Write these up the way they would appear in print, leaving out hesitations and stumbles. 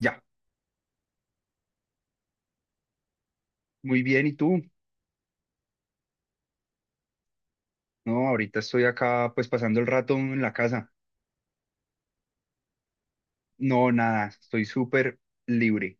Ya, muy bien, ¿y tú? No, ahorita estoy acá pues pasando el rato en la casa. No, nada, estoy súper libre.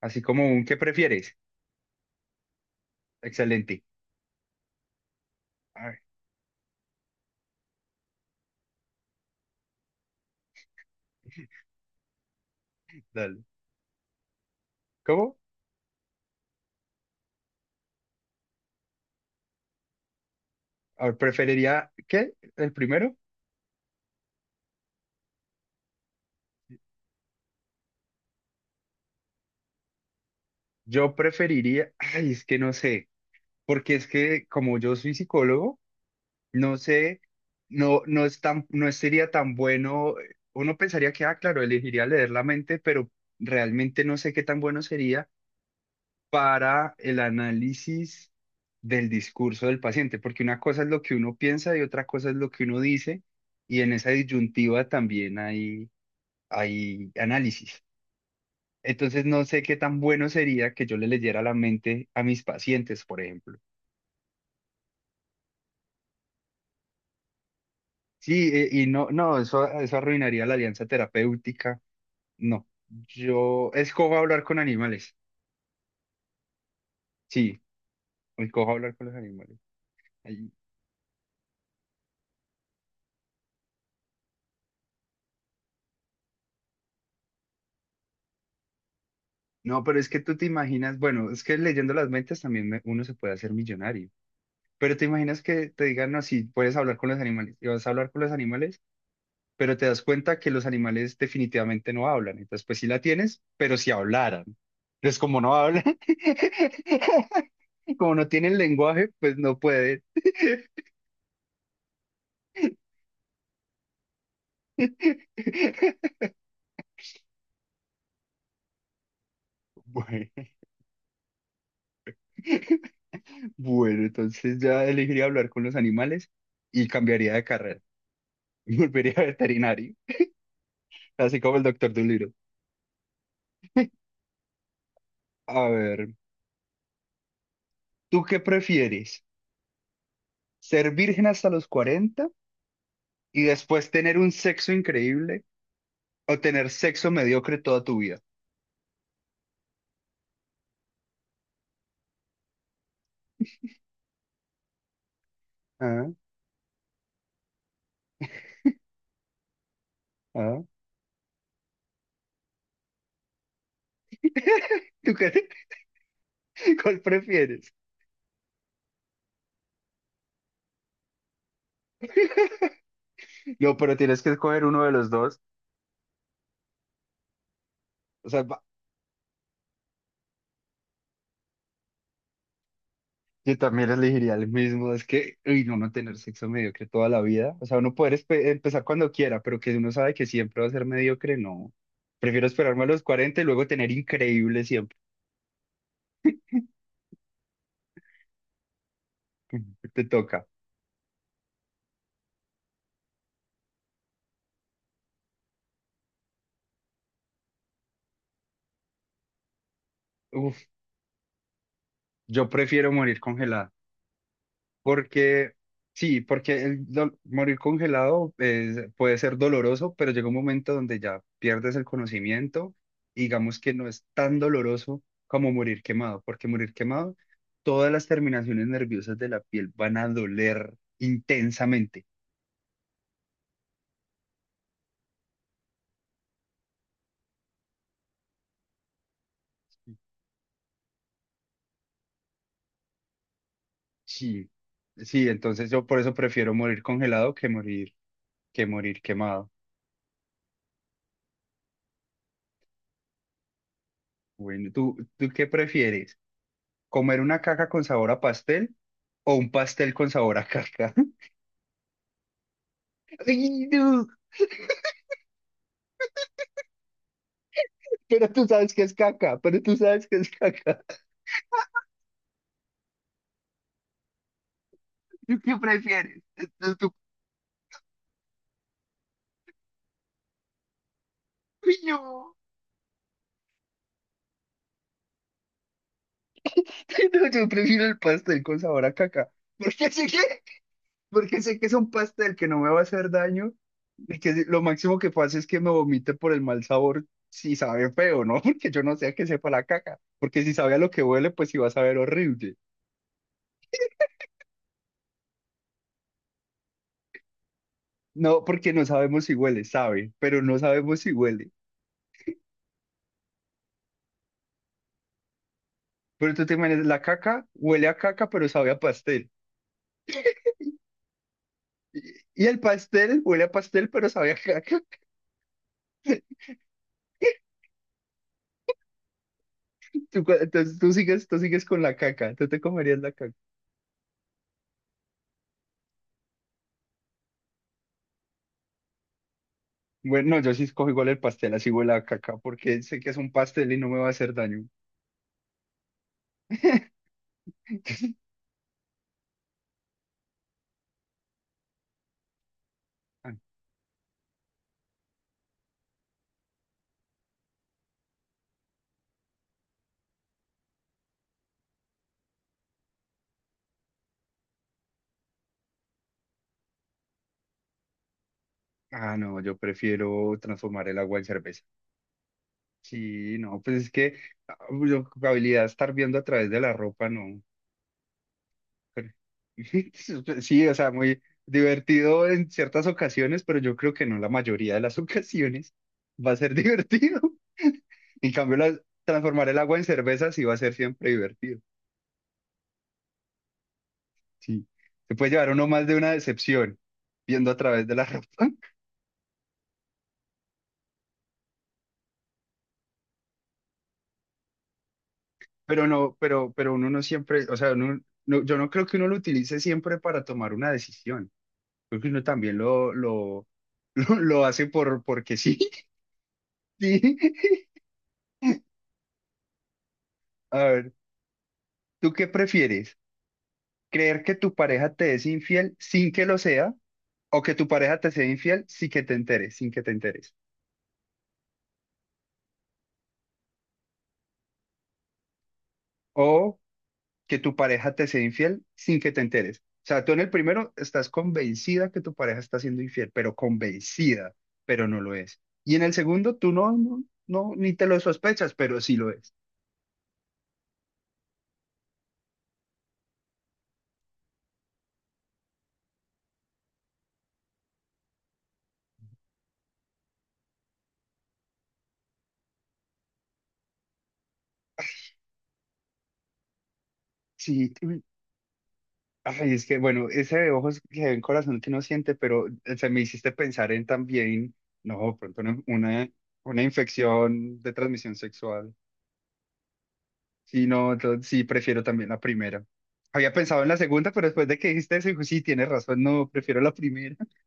Así como un ¿qué prefieres? Excelente. A ver, dale. ¿Cómo? A ver, preferiría, ¿qué? ¿El primero? Yo preferiría, ay, es que no sé, porque es que como yo soy psicólogo, no sé, no, no es tan, no sería tan bueno. Uno pensaría que, ah, claro, elegiría leer la mente, pero realmente no sé qué tan bueno sería para el análisis del discurso del paciente, porque una cosa es lo que uno piensa y otra cosa es lo que uno dice, y en esa disyuntiva también hay análisis. Entonces no sé qué tan bueno sería que yo le leyera la mente a mis pacientes, por ejemplo. Sí, y no, no, eso arruinaría la alianza terapéutica. No, yo escojo hablar con animales. Sí, escojo hablar con los animales. No, pero es que tú te imaginas, bueno, es que leyendo las mentes también uno se puede hacer millonario, pero te imaginas que te digan, no, si puedes hablar con los animales, y vas a hablar con los animales, pero te das cuenta que los animales definitivamente no hablan, entonces pues sí la tienes, pero si hablaran, entonces como no hablan, como no tienen lenguaje, pues no pueden. Bueno, bueno, entonces ya elegiría hablar con los animales y cambiaría de carrera, volvería a veterinario, así como el doctor Dolittle. A ver, ¿tú qué prefieres? ¿Ser virgen hasta los 40 y después tener un sexo increíble o tener sexo mediocre toda tu vida? Ah, ah. ¿Tú qué, cuál prefieres? No, pero tienes que escoger uno de los dos. O sea, yo también elegiría el mismo. Es que, uy, no, no tener sexo mediocre toda la vida. O sea, uno poder empezar cuando quiera, pero que uno sabe que siempre va a ser mediocre, no. Prefiero esperarme a los 40 y luego tener increíble siempre. Te toca. Uf, yo prefiero morir congelada. Porque, sí, porque el morir congelado es- puede ser doloroso, pero llega un momento donde ya pierdes el conocimiento y digamos que no es tan doloroso como morir quemado, porque morir quemado, todas las terminaciones nerviosas de la piel van a doler intensamente. Sí, sí, entonces yo por eso prefiero morir congelado que morir quemado. Bueno, ¿tú qué prefieres? ¿Comer una caca con sabor a pastel o un pastel con sabor a caca? Ay, no, pero tú sabes que es caca, pero tú sabes que es caca. ¿Tú qué prefieres? Entonces tú, "Ay, no. No, yo prefiero el pastel con sabor a caca. Porque sé que, porque sé que es un pastel que no me va a hacer daño y que lo máximo que pasa es que me vomite por el mal sabor si sabe feo, ¿no? Porque yo no sé a qué sepa la caca. Porque si sabe a lo que huele, pues sí va a saber horrible. No, porque no sabemos si huele, sabe, pero no sabemos si huele. Pero tú te imaginas, la caca huele a caca, pero sabe a pastel. Y el pastel huele a pastel, pero sabe a caca. Entonces tú sigues con la caca, tú te comerías la caca. Bueno, no, yo sí escojo igual el pastel, así huele a caca, porque sé que es un pastel y no me va a hacer daño. Ah, ah, no, yo prefiero transformar el agua en cerveza. Sí, no, pues es que ah, yo, habilidad de estar viendo a través de la ropa, no. Sí, o sea, muy divertido en ciertas ocasiones, pero yo creo que no la mayoría de las ocasiones va a ser divertido. En cambio, transformar el agua en cerveza sí va a ser siempre divertido. Sí, se puede llevar uno más de una decepción viendo a través de la ropa, pero no, pero uno no siempre, o sea, yo no creo que uno lo utilice siempre para tomar una decisión. Creo que uno también lo hace porque sí. Sí. A ver, ¿tú qué prefieres? Creer que tu pareja te es infiel sin que lo sea, o que tu pareja te sea infiel sin que te enteres, sin que te enteres, o que tu pareja te sea infiel sin que te enteres. O sea, tú en el primero estás convencida que tu pareja está siendo infiel, pero convencida, pero no lo es. Y en el segundo, tú no, no, no, ni te lo sospechas, pero sí lo es. Sí, uy, ay, es que bueno, ese de ojos que ven corazón que no siente, pero se me hiciste pensar en también, no, pronto una infección de transmisión sexual. Sí, no, entonces sí, prefiero también la primera. Había pensado en la segunda, pero después de que dijiste eso, dijo, sí, tienes razón, no, prefiero la primera.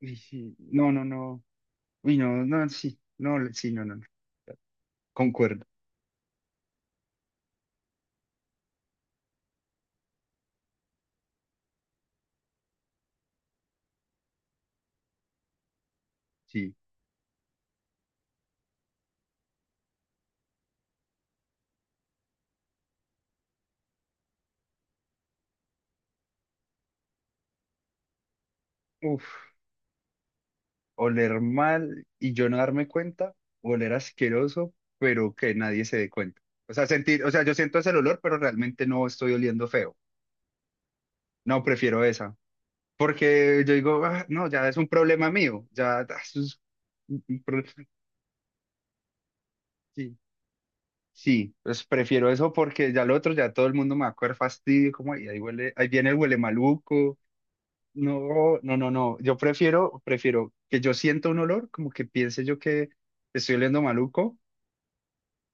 Y sí, no, no, no. Uy, no, no, sí, no, sí, no, no, no. Concuerdo, sí. Uf, oler mal y yo no darme cuenta, oler asqueroso, pero que nadie se dé cuenta. O sea, sentir, o sea, yo siento ese olor, pero realmente no estoy oliendo feo. No, prefiero esa. Porque yo digo, "Ah, no, ya es un problema mío, ya, ah, eso es un problema. Sí. Sí, pues prefiero eso porque ya lo otro, ya todo el mundo me va a coger fastidio, como "Ay, ahí huele, ahí viene el huele maluco. No, no, no, no. Yo prefiero que yo sienta un olor, como que piense yo que estoy oliendo maluco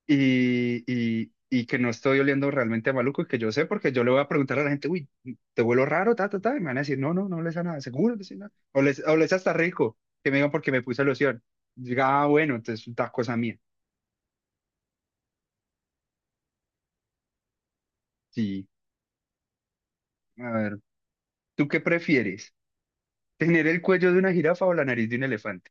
y que no estoy oliendo realmente a maluco y que yo sé, porque yo le voy a preguntar a la gente, uy, te huelo raro, ta, ta, ta, y me van a decir, no, no, no les a nada, seguro, no nada. O les hasta rico, que me digan porque me puse loción. Diga, ah, bueno, entonces es una cosa mía. Sí, a ver, ¿tú qué prefieres? Tener el cuello de una jirafa o la nariz de un elefante.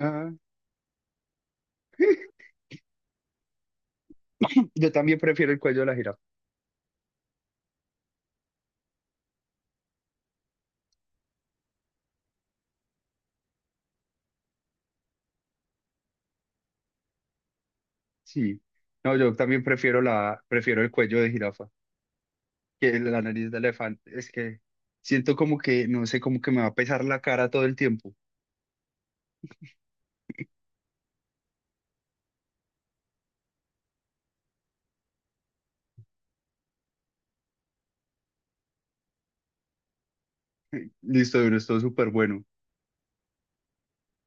Ah, yo también prefiero el cuello de la jirafa. Sí. No, yo también prefiero prefiero el cuello de jirafa que la nariz de elefante. Es que siento como que, no sé, como que me va a pesar la cara todo el tiempo. Listo, Duro, esto es súper bueno.